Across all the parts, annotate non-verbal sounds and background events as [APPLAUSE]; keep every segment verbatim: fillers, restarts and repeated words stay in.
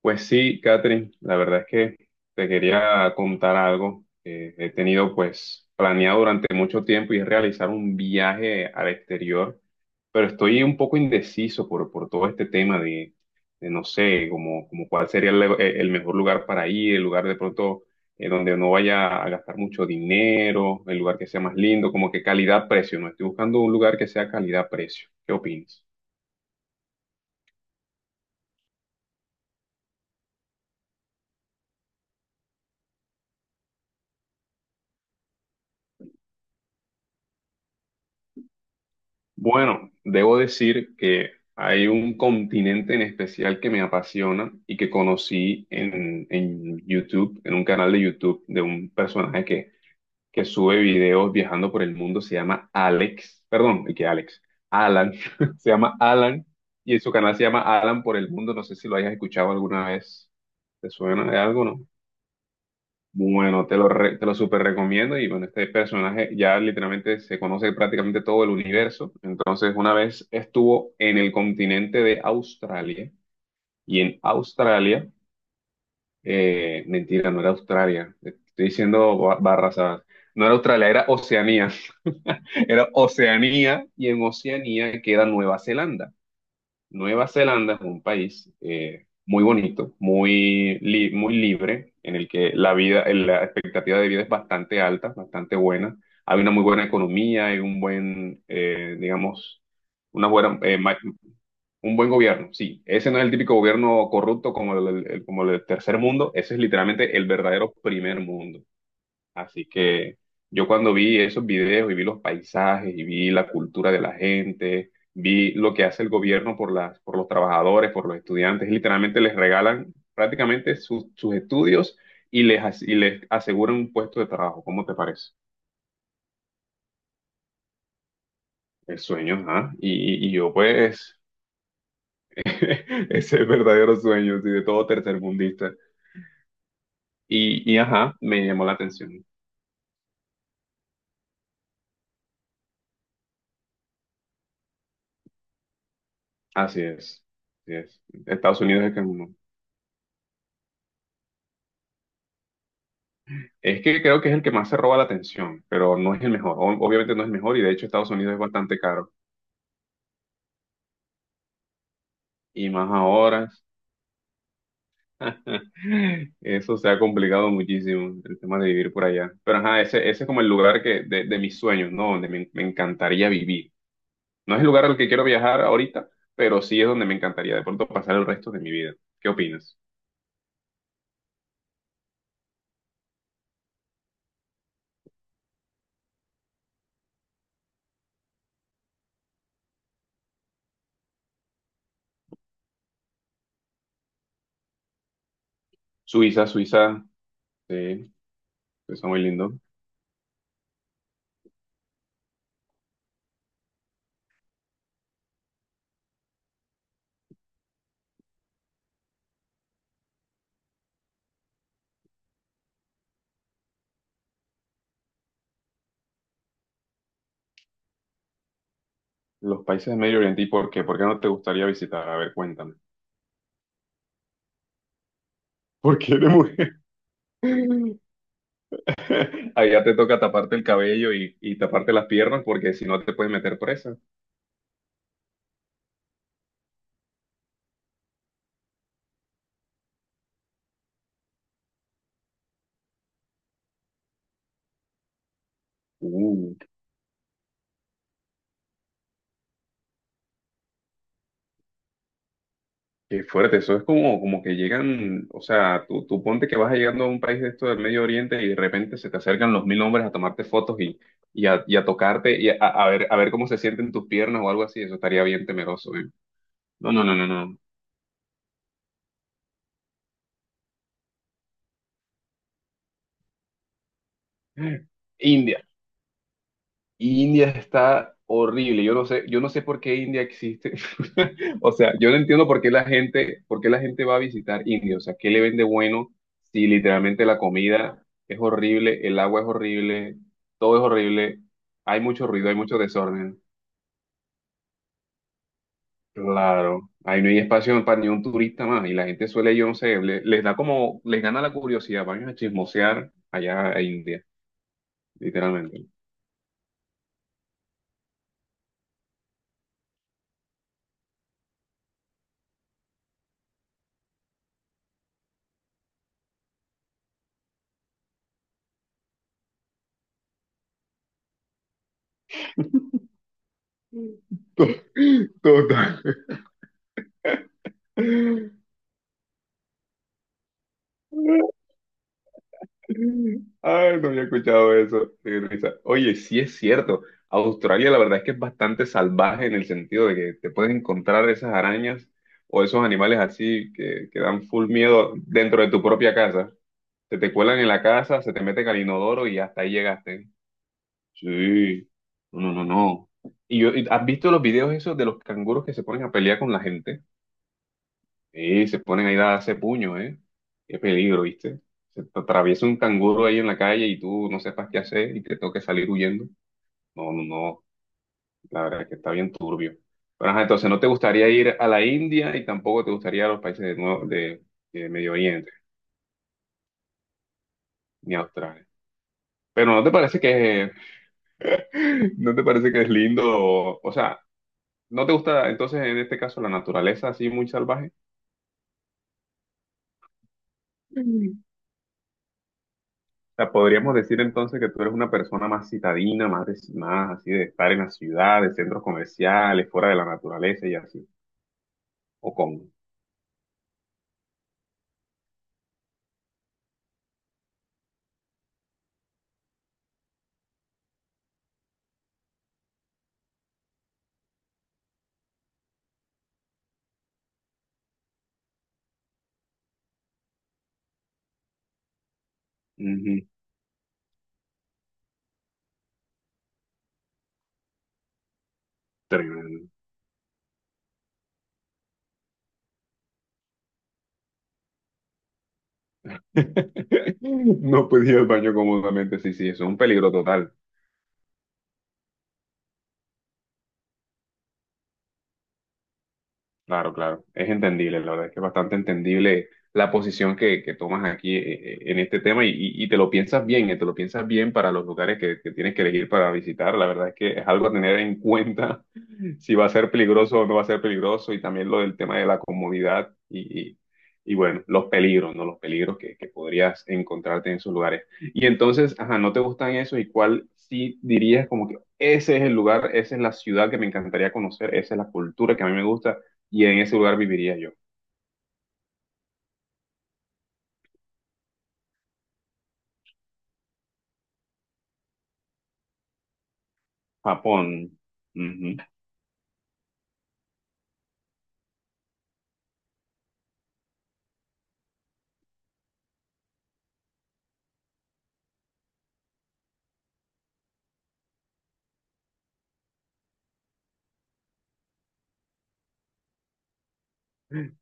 Pues sí, Catherine, la verdad es que te quería contar algo que he tenido pues planeado durante mucho tiempo y es realizar un viaje al exterior, pero estoy un poco indeciso por, por todo este tema de, de no sé, como, como cuál sería el, e, el mejor lugar para ir, el lugar de pronto eh, donde no vaya a gastar mucho dinero, el lugar que sea más lindo, como que calidad-precio, ¿no? Estoy buscando un lugar que sea calidad-precio. ¿Qué opinas? Bueno, debo decir que hay un continente en especial que me apasiona y que conocí en, en YouTube, en un canal de YouTube de un personaje que, que sube videos viajando por el mundo, se llama Alex, perdón, ¿que Alex? Alan, [LAUGHS] se llama Alan y en su canal se llama Alan por el mundo, no sé si lo hayas escuchado alguna vez, ¿te suena de algo, no? Bueno, te lo, re- te lo súper recomiendo y bueno, este personaje ya literalmente se conoce prácticamente todo el universo. Entonces, una vez estuvo en el continente de Australia y en Australia, eh, mentira, no era Australia, estoy diciendo ba- barras. No era Australia, era Oceanía, [LAUGHS] era Oceanía y en Oceanía queda Nueva Zelanda. Nueva Zelanda es un país eh, muy bonito, muy, li- muy libre, en el que la vida, el- la expectativa de vida es bastante alta, bastante buena. Hay una muy buena economía, hay un buen, eh, digamos, una buena, eh, ma- un buen gobierno. Sí, ese no es el típico gobierno corrupto como el, el- como el tercer mundo, ese es literalmente el verdadero primer mundo. Así que yo cuando vi esos videos y vi los paisajes y vi la cultura de la gente, vi lo que hace el gobierno por las, por los trabajadores, por los estudiantes, literalmente les regalan prácticamente sus, sus estudios y les, as- y les aseguran un puesto de trabajo. ¿Cómo te parece? El sueño, ajá. Y, y y yo pues, [LAUGHS] ese es el verdadero sueño, sí, de todo tercermundista. Y, y ajá, me llamó la atención. Así es, así es. Estados Unidos es el que Es que creo que es el que más se roba la atención, pero no es el mejor. O- Obviamente no es el mejor y de hecho Estados Unidos es bastante caro. Y más ahora, [LAUGHS] eso se ha complicado muchísimo, el tema de vivir por allá. Pero ajá, ese, ese es como el lugar que, de, de mis sueños, ¿no? Donde me, me encantaría vivir. No es el lugar al que quiero viajar ahorita, pero sí es donde me encantaría de pronto pasar el resto de mi vida. ¿Qué opinas? Suiza, Suiza, sí, Suiza muy lindo. Los países de Medio Oriente, ¿y por qué? ¿Por qué no te gustaría visitar? A ver, cuéntame. [LAUGHS] ¿Por qué de mujer? [LAUGHS] [LAUGHS] Allá te toca taparte el cabello y, y taparte las piernas porque si no te puedes meter presa. Uh, qué fuerte. Eso es como, como que llegan, o sea, tú, tú ponte que vas llegando a un país de esto del Medio Oriente y de repente se te acercan los mil hombres a tomarte fotos y, y, a, y a tocarte y a, a ver, a ver cómo se sienten tus piernas o algo así. Eso estaría bien temeroso, ¿eh? No, no, no, no, no. India, India está horrible. Yo no sé, yo no sé por qué India existe. [LAUGHS] O sea, yo no entiendo por qué la gente, por qué la gente va a visitar India. O sea, ¿qué le vende bueno si literalmente la comida es horrible, el agua es horrible, todo es horrible, hay mucho ruido, hay mucho desorden? Claro, ahí no hay espacio para ni un turista más. Y la gente suele, yo no sé, le- les da como, les gana la curiosidad, van a chismosear allá a India, literalmente. [LAUGHS] Total. Ay, no había escuchado eso. Qué risa. Oye, sí es cierto. Australia, la verdad es que es bastante salvaje en el sentido de que te puedes encontrar esas arañas o esos animales así que, que dan full miedo dentro de tu propia casa. Se te cuelan en la casa, se te meten al inodoro y hasta ahí llegaste. Sí. No, no, no, no. Y, yo- y- ¿has visto los videos esos de los canguros que se ponen a pelear con la gente? Y se ponen ahí a darse puño, ¿eh? Qué peligro, ¿viste? Se te atraviesa un canguro ahí en la calle y tú no sepas qué hacer y te toque salir huyendo. No, no, no. La verdad es que está bien turbio. Pero, ajá, entonces no te gustaría ir a la India y tampoco te gustaría a los países de, Nuevo- de, de Medio Oriente ni a Australia. Pero ¿no te parece que, [LAUGHS] no te parece que es lindo? O, o sea, ¿no te gusta entonces en este caso la naturaleza así muy salvaje? Sea, podríamos decir entonces que tú eres una persona más citadina, más, de- más así de estar en la ciudad, de centros comerciales, fuera de la naturaleza y así. ¿O cómo? Ujú, tremendo. [LAUGHS] No podía ir al baño cómodamente, sí, sí, eso es un peligro total. Claro, claro, es entendible, la verdad es que es bastante entendible la posición que, que tomas aquí, eh, eh, en este tema y, y- y te lo piensas bien, eh, te lo piensas bien para los lugares que, que tienes que elegir para visitar, la verdad es que es algo a tener en cuenta si va a ser peligroso o no va a ser peligroso, y también lo del tema de la comodidad y, y- y, bueno, los peligros, ¿no? Los peligros que, que podrías encontrarte en esos lugares. Y entonces, ajá, ¿no te gustan esos? ¿Y cuál sí dirías como que ese es el lugar, esa es la ciudad que me encantaría conocer, esa es la cultura que a mí me gusta y en ese lugar viviría yo? Japón.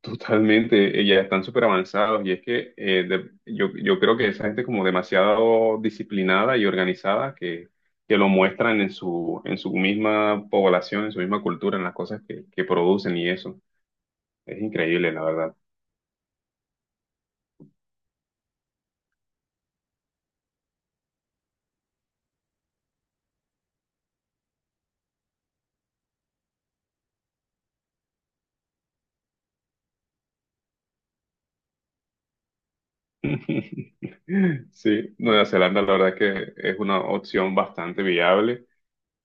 Totalmente, eh, ya están súper avanzados y es que eh, de- yo, yo creo que esa gente es como demasiado disciplinada y organizada que, que lo muestran en su, en su misma población, en su misma cultura, en las cosas que, que producen y eso. Es increíble, la verdad. [LAUGHS] Sí, Nueva Zelanda la verdad es que es una opción bastante viable.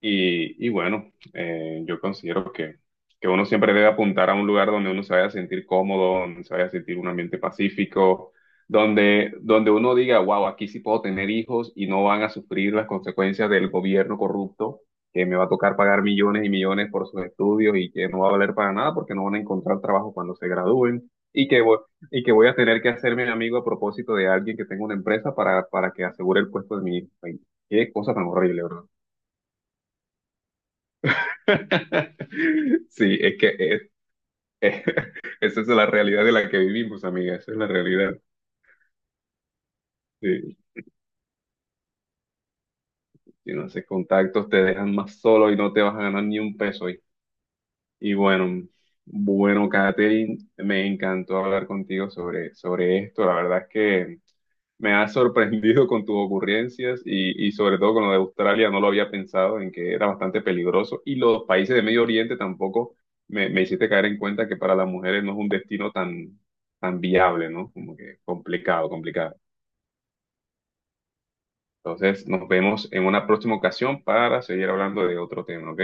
Y, y bueno, eh, yo considero que, que uno siempre debe apuntar a un lugar donde uno se vaya a sentir cómodo, donde se vaya a sentir un ambiente pacífico, donde, donde uno diga, wow, aquí sí puedo tener hijos y no van a sufrir las consecuencias del gobierno corrupto, que me va a tocar pagar millones y millones por sus estudios y que no va a valer para nada porque no van a encontrar trabajo cuando se gradúen, y que voy, y que voy a tener que hacerme amigo a propósito de alguien que tenga una empresa para, para que asegure el puesto de mi hijo. Ay, qué cosa tan horrible, ¿verdad? [LAUGHS] Sí, es que es- es- [LAUGHS] esa es la realidad de la que vivimos, amiga, esa es la realidad. Sí, si no haces contactos te dejan más solo y no te vas a ganar ni un peso hoy. Y bueno, bueno, Katherine, me encantó hablar contigo sobre, sobre esto. La verdad es que me has sorprendido con tus ocurrencias y, y sobre todo con lo de Australia, no lo había pensado en que era bastante peligroso. Y los países de Medio Oriente tampoco me, me hiciste caer en cuenta que para las mujeres no es un destino tan, tan viable, ¿no? Como que complicado, complicado. Entonces, nos vemos en una próxima ocasión para seguir hablando de otro tema, ¿ok?